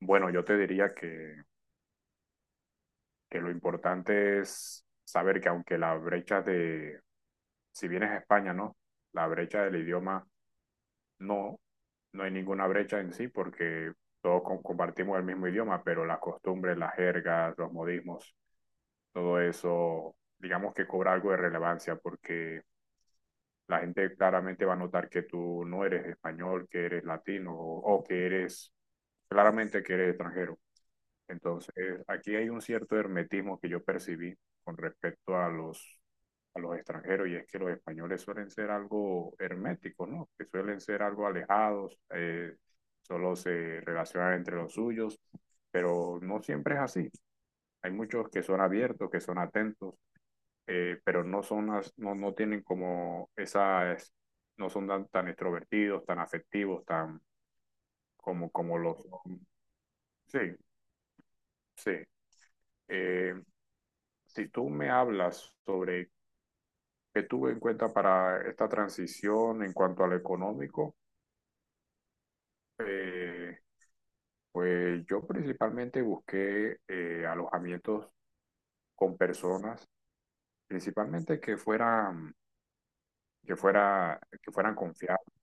Bueno, yo te diría que lo importante es saber que aunque la brecha de, si vienes a España, ¿no? La brecha del idioma, no, no hay ninguna brecha en sí porque todos compartimos el mismo idioma, pero las costumbres, las jergas, los modismos, todo eso, digamos que cobra algo de relevancia porque la gente claramente va a notar que tú no eres español, que eres latino o que eres, claramente que eres extranjero. Entonces, aquí hay un cierto hermetismo que yo percibí con respecto a los extranjeros, y es que los españoles suelen ser algo herméticos, ¿no? Que suelen ser algo alejados, solo se relacionan entre los suyos, pero no siempre es así. Hay muchos que son abiertos, que son atentos, pero no son, no, no tienen como esas, no son tan, tan extrovertidos, tan afectivos, tan como, como los... Sí, sí. Eh, Si tú me hablas sobre qué tuve en cuenta para esta transición en cuanto a lo económico, eh, pues yo principalmente busqué alojamientos con personas, principalmente que fueran, que fuera, que fueran confiables.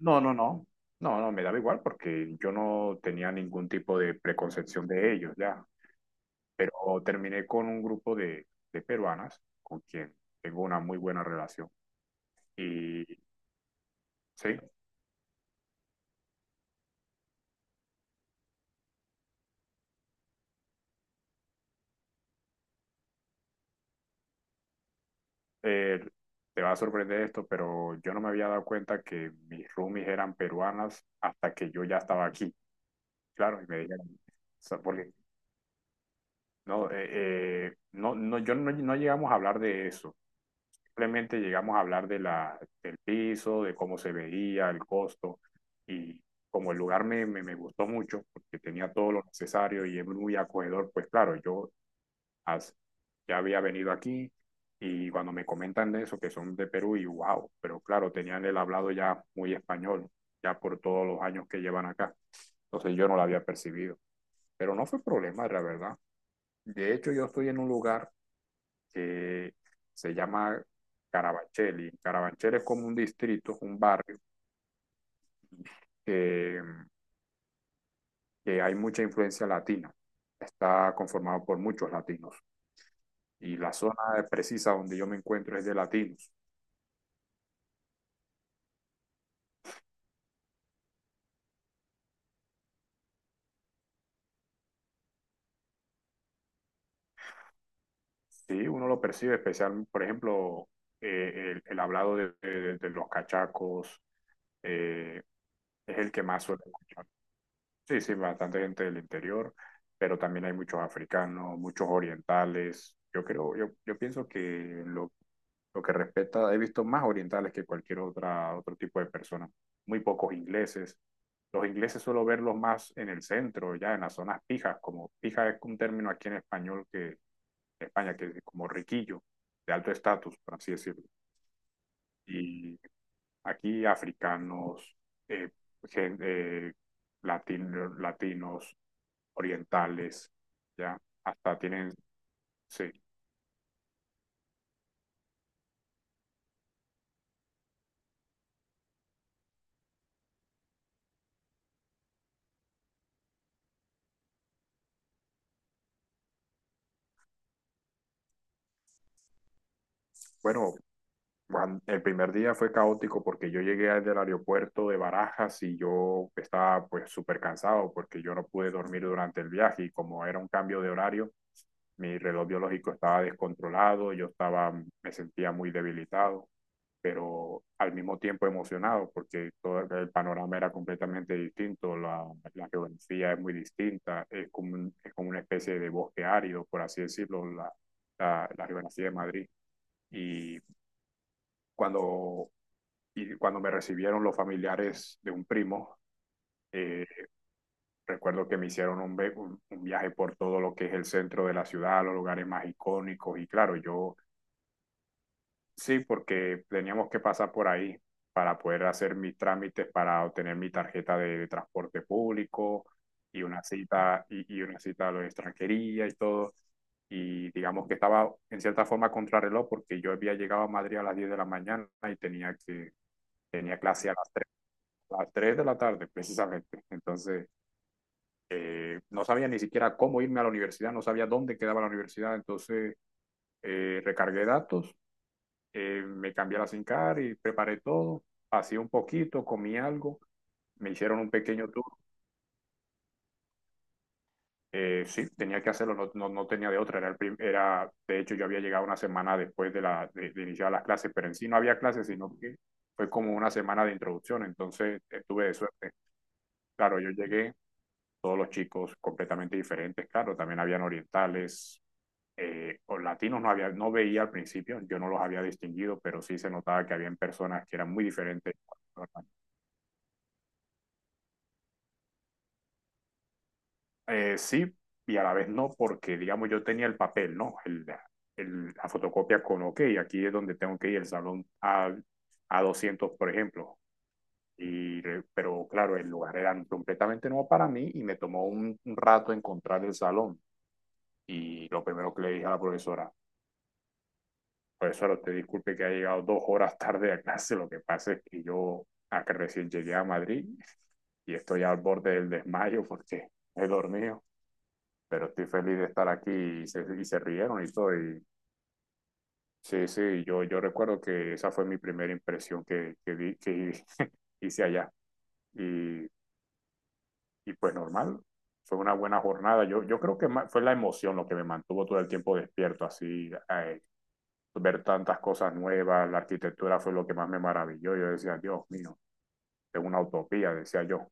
No, no, no. No, no, me daba igual porque yo no tenía ningún tipo de preconcepción de ellos ya. Pero terminé con un grupo de peruanas con quien tengo una muy buena relación. Y sí, eh, te va a sorprender esto, pero yo no me había dado cuenta que mis roomies eran peruanas hasta que yo ya estaba aquí, claro, y me dijeron, o sea, porque no, no, no, yo no, no llegamos a hablar de eso, simplemente llegamos a hablar de la, del piso, de cómo se veía, el costo, y como el lugar me, me, me gustó mucho, porque tenía todo lo necesario y es muy acogedor, pues claro, yo as- ya había venido aquí y cuando me comentan de eso, que son de Perú, y wow, pero claro, tenían el hablado ya muy español, ya por todos los años que llevan acá. Entonces yo no la había percibido, pero no fue problema, la verdad. De hecho, yo estoy en un lugar que se llama Carabanchel, y Carabanchel es como un distrito, un barrio que, que hay mucha influencia latina. Está conformado por muchos latinos y la zona precisa donde yo me encuentro es de latinos. Sí, uno lo percibe, especial, por ejemplo, el, hablado de, de los cachacos, eh, es el que más suele escuchar. Sí, sí, bastante gente del interior, pero también hay muchos africanos, muchos orientales. Yo creo, yo pienso que lo que respecta, he visto más orientales que cualquier otra, otro tipo de persona. Muy pocos ingleses. Los ingleses suelo verlos más en el centro, ya en las zonas pijas, como pija es un término aquí en español que en España, que es como riquillo, de alto estatus, por así decirlo. Y aquí africanos, eh, gen- eh, latinos, orientales, ya, hasta tienen, sí. Bueno, Juan, el primer día fue caótico porque yo llegué del aeropuerto de Barajas y yo estaba pues súper cansado porque yo no pude dormir durante el viaje y como era un cambio de horario, mi reloj biológico estaba descontrolado, yo estaba, me sentía muy debilitado, pero al mismo tiempo emocionado, porque todo el panorama era completamente distinto, la geografía es muy distinta, es como, es como una especie de bosque árido, por así decirlo, la geografía de Madrid. Y cuando, y cuando me recibieron los familiares de un primo, eh, recuerdo que me hicieron un viaje por todo lo que es el centro de la ciudad, los lugares más icónicos, y claro, yo sí, porque teníamos que pasar por ahí para poder hacer mis trámites, para obtener mi tarjeta de transporte público y una cita y una cita a la extranjería y todo. Y digamos que estaba en cierta forma contrarreloj porque yo había llegado a Madrid a las 10 de la mañana y tenía que tenía clase a las 3 de la tarde precisamente. Entonces, no sabía ni siquiera cómo irme a la universidad, no sabía dónde quedaba la universidad, entonces recargué datos, me cambié a la sincar y preparé todo, hacía un poquito, comí algo, me hicieron un pequeño tour. Sí, tenía que hacerlo, no, no, no tenía de otra. Era el era, de hecho, yo había llegado una semana después de, la, de iniciar las clases, pero en sí no había clases, sino que fue como una semana de introducción, entonces estuve de suerte. Claro, yo llegué, todos los chicos completamente diferentes, claro, también habían orientales, o latinos no había, no veía al principio, yo no los había distinguido, pero sí se notaba que habían personas que eran muy diferentes. Sí, y a la vez no, porque digamos yo tenía el papel, ¿no? El, la fotocopia con OK, aquí es donde tengo que ir, el salón A, a 200 por ejemplo. Y, pero claro, el lugar era completamente nuevo para mí y me tomó un rato encontrar el salón. Y lo primero que le dije a la profesora, profesora, usted disculpe que ha llegado 2 horas tarde a clase, lo que pasa es que yo acá recién llegué a Madrid y estoy al borde del desmayo porque he dormido. Pero estoy feliz de estar aquí y se rieron y todo. Y sí, sí, yo recuerdo que esa fue mi primera impresión que, que hice allá. Y, y pues normal, fue una buena jornada. Yo creo que fue la emoción lo que me mantuvo todo el tiempo despierto, así, ver tantas cosas nuevas, la arquitectura fue lo que más me maravilló. Yo decía, Dios mío, es una utopía, decía yo.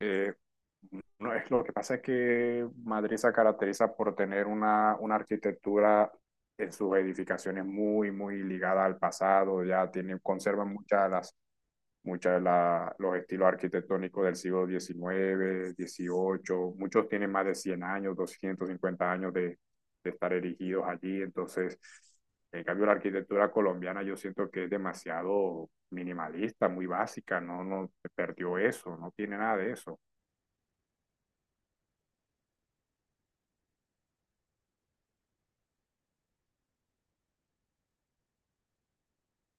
Eh, No, es lo que pasa es que Madrid se caracteriza por tener una arquitectura en sus edificaciones muy, muy ligada al pasado, ya tiene, conservan muchas de las, muchas de los estilos arquitectónicos del siglo 19, 18, muchos tienen más de 100 años, 250 años de estar erigidos allí, entonces, en cambio, la arquitectura colombiana yo siento que es demasiado minimalista, muy básica, no, no perdió eso, no tiene nada de eso.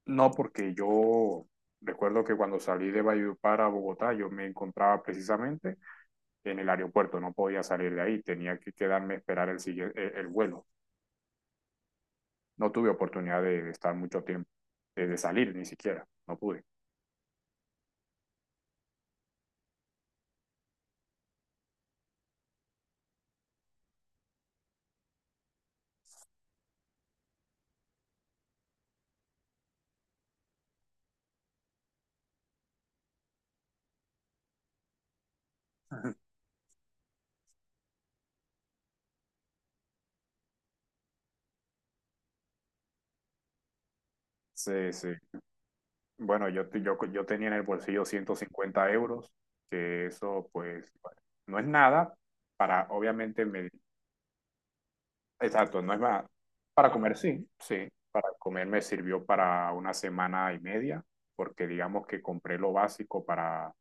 No, porque yo recuerdo que cuando salí de Valledupar a Bogotá, yo me encontraba precisamente en el aeropuerto, no podía salir de ahí, tenía que quedarme a esperar el, el vuelo. No tuve oportunidad de estar mucho tiempo, de salir ni siquiera, no pude. Sí, sí. Bueno, yo, yo, yo tenía en el bolsillo 150 euros, que eso pues bueno, no es nada para, obviamente, me- Exacto, no es más. Para comer sí, sí. Para comer me sirvió para una semana y media, porque digamos que compré lo básico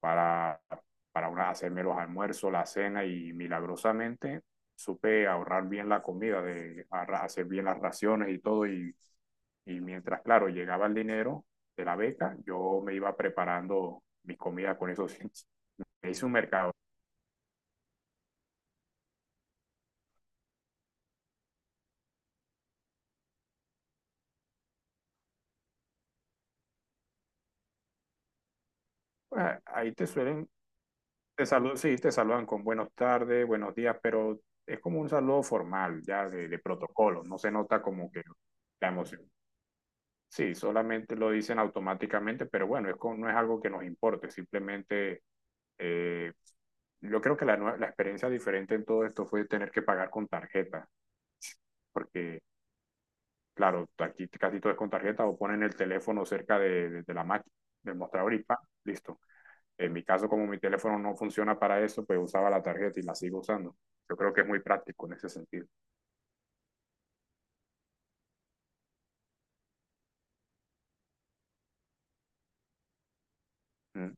para, para hacerme los almuerzos, la cena y milagrosamente supe ahorrar bien la comida, de hacer bien las raciones y todo. Y mientras, claro, llegaba el dinero de la beca, yo me iba preparando mis comidas con eso. Sí. Me hice un mercado. Pues, ahí te suelen te saludan, sí, te saludan con buenos tardes, buenos días, pero es como un saludo formal, ya de protocolo, no se nota como que la emoción. Sí, solamente lo dicen automáticamente, pero bueno, es no es algo que nos importe, simplemente eh, yo creo que la, la experiencia diferente en todo esto fue tener que pagar con tarjeta, porque claro, aquí casi todo es con tarjeta o ponen el teléfono cerca de, de la máquina, del mostrador y pa, listo. En mi caso, como mi teléfono no funciona para eso, pues usaba la tarjeta y la sigo usando. Yo creo que es muy práctico en ese sentido. ¿Mm?